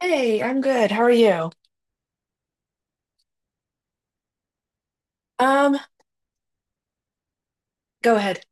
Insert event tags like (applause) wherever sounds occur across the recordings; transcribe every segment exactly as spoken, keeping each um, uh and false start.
Hey, I'm good. How are you? Um, Go ahead.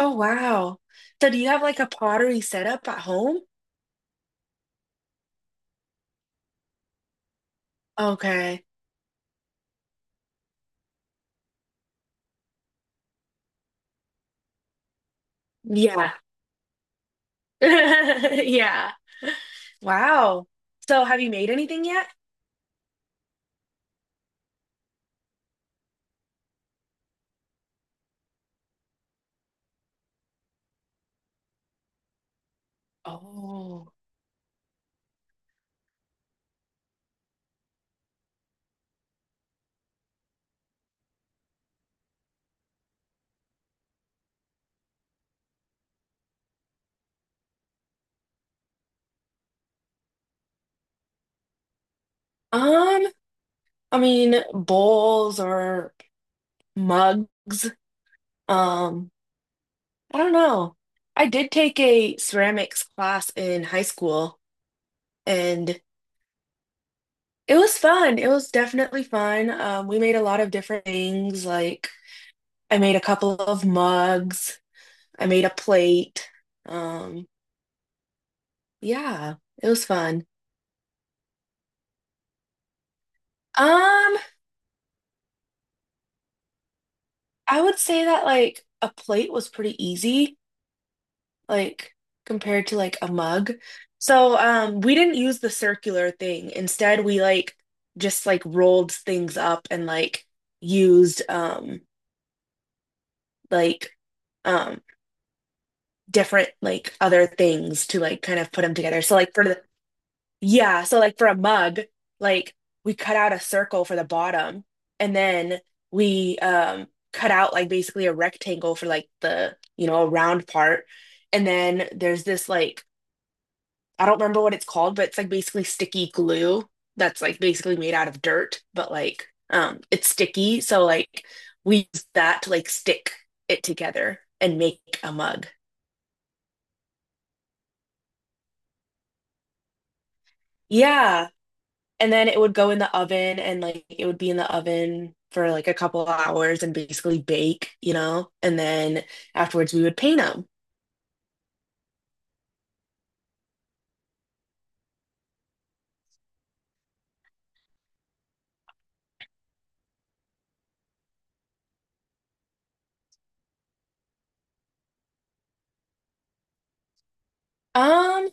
Oh, wow. So do you have like a pottery setup at home? Okay. Yeah. (laughs) Yeah. Wow. So have you made anything yet? Oh. Um, I mean, bowls or mugs. Um, I don't know. I did take a ceramics class in high school, and it was fun. It was definitely fun. Um, we made a lot of different things. Like, I made a couple of mugs. I made a plate. Um, yeah, it was fun. Um, I would say that like a plate was pretty easy, like compared to like a mug. So, um, we didn't use the circular thing. Instead, we like just like rolled things up and like used um like um different like other things to like kind of put them together. So like for the, yeah, so like for a mug, like we cut out a circle for the bottom, and then we um cut out like basically a rectangle for like the, you know, a round part. And then there's this like, I don't remember what it's called, but it's like basically sticky glue that's like basically made out of dirt, but like um it's sticky, so like we use that to like stick it together and make a mug. Yeah. And then it would go in the oven, and like it would be in the oven for like a couple of hours and basically bake, you know? And then afterwards we would paint them. Um,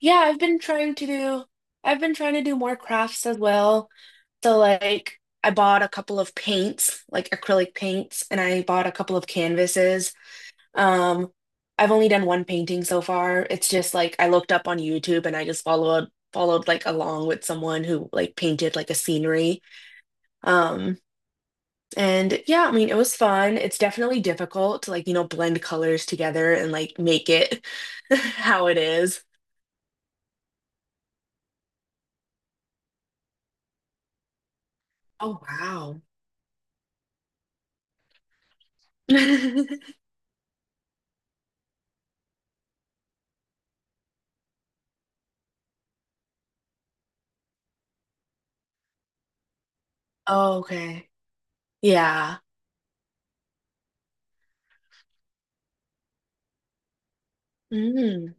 yeah, I've been trying to do I've been trying to do more crafts as well. So like I bought a couple of paints, like acrylic paints, and I bought a couple of canvases. Um, I've only done one painting so far. It's just like I looked up on YouTube, and I just followed followed like along with someone who like painted like a scenery. Um And yeah, I mean, it was fun. It's definitely difficult to like, you know, blend colors together and like make it (laughs) how it is. Oh, wow. (laughs) Oh, okay. Yeah. Mm.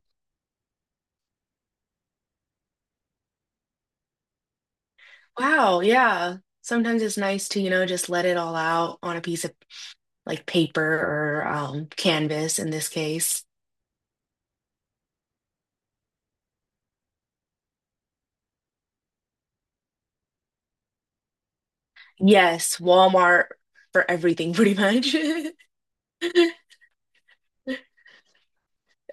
Wow. Yeah. Sometimes it's nice to, you know, just let it all out on a piece of like paper or um, canvas in this case. Yes, Walmart for everything, pretty much. (laughs)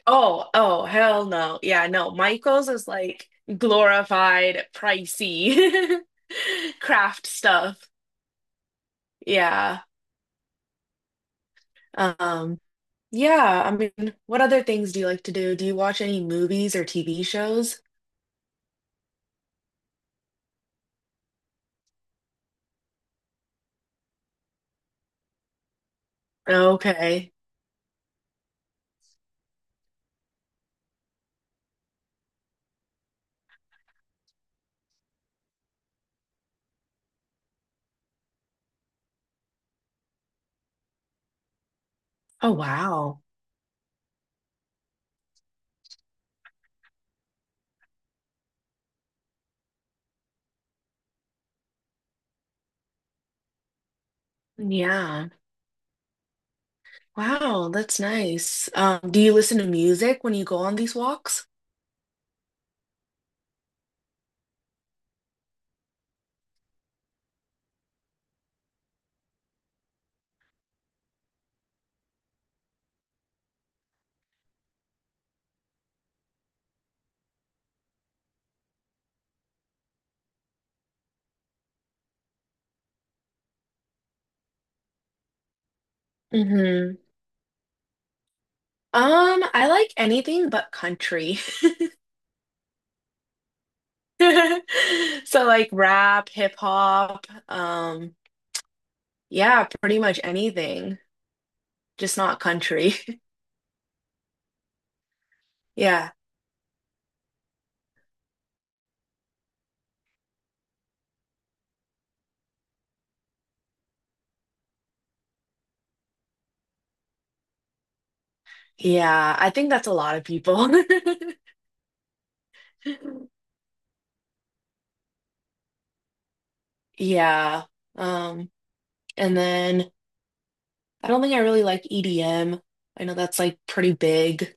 Oh, oh, hell no. Yeah, no. Michael's is like glorified, pricey (laughs) craft stuff. Yeah. Um, yeah, I mean, what other things do you like to do? Do you watch any movies or T V shows? Okay. Oh, wow. Yeah. Wow, that's nice. Um, do you listen to music when you go on these walks? Mm-hmm. Um, I like anything but country. (laughs) (laughs) So like rap, hip hop, um, yeah, pretty much anything, just not country. (laughs) Yeah. Yeah, I think that's a lot of people. (laughs) Yeah. Um, and then I don't think I really like E D M. I know that's like pretty big,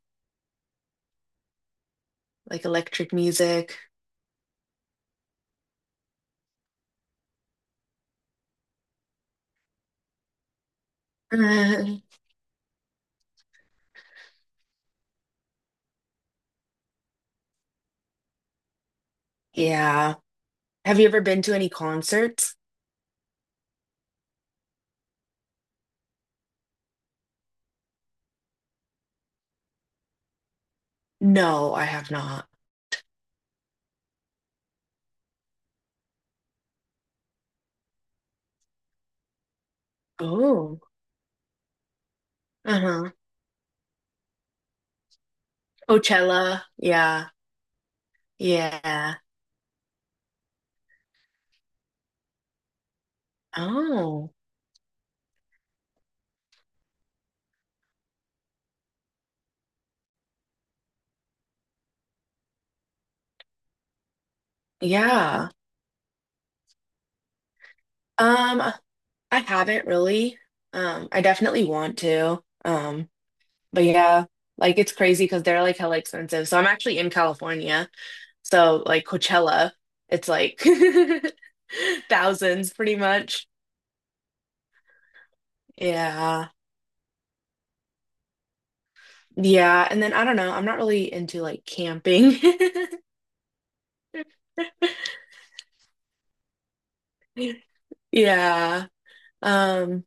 like electric music. (laughs) Uh, yeah. Have you ever been to any concerts? No, I have not. Oh. Uh-huh. Coachella. Yeah. Yeah. Oh, yeah. Um, I haven't really. Um, I definitely want to. Um, but yeah, like it's crazy because they're like hella expensive. So I'm actually in California. So like Coachella, it's like (laughs) thousands pretty much. Yeah. Yeah. And then I don't know. I'm not really into like camping. (laughs) Yeah. Um,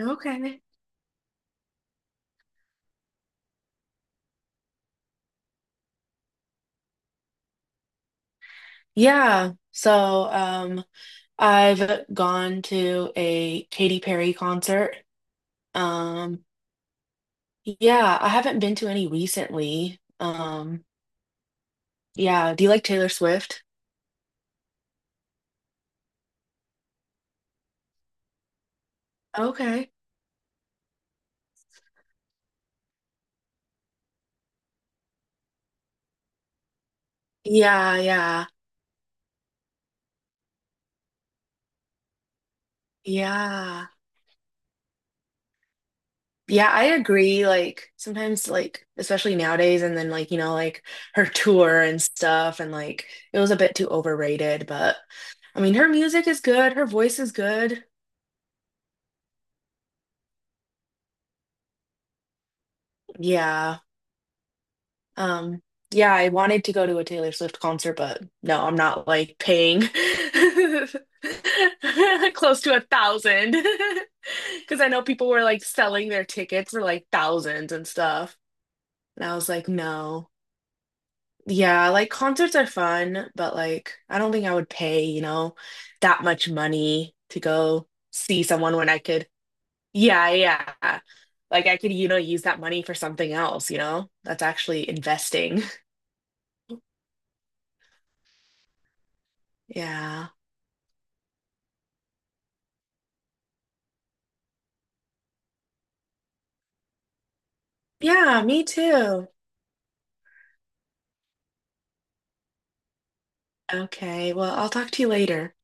okay. Yeah. So, um, I've gone to a Katy Perry concert. Um, yeah, I haven't been to any recently. Um, yeah, do you like Taylor Swift? Okay. Yeah, yeah, yeah. Yeah, I agree. Like sometimes like especially nowadays and then like, you know, like her tour and stuff, and like it was a bit too overrated, but I mean her music is good, her voice is good. Yeah. Um, yeah, I wanted to go to a Taylor Swift concert, but no, I'm not like paying (laughs) close to a thousand (laughs) because I know people were like selling their tickets for like thousands and stuff. And I was like, no. Yeah, like concerts are fun, but like I don't think I would pay, you know, that much money to go see someone when I could. Yeah, yeah. Like I could, you know, use that money for something else, you know? That's actually investing. (laughs) Yeah. Yeah, me too. Okay, well, I'll talk to you later.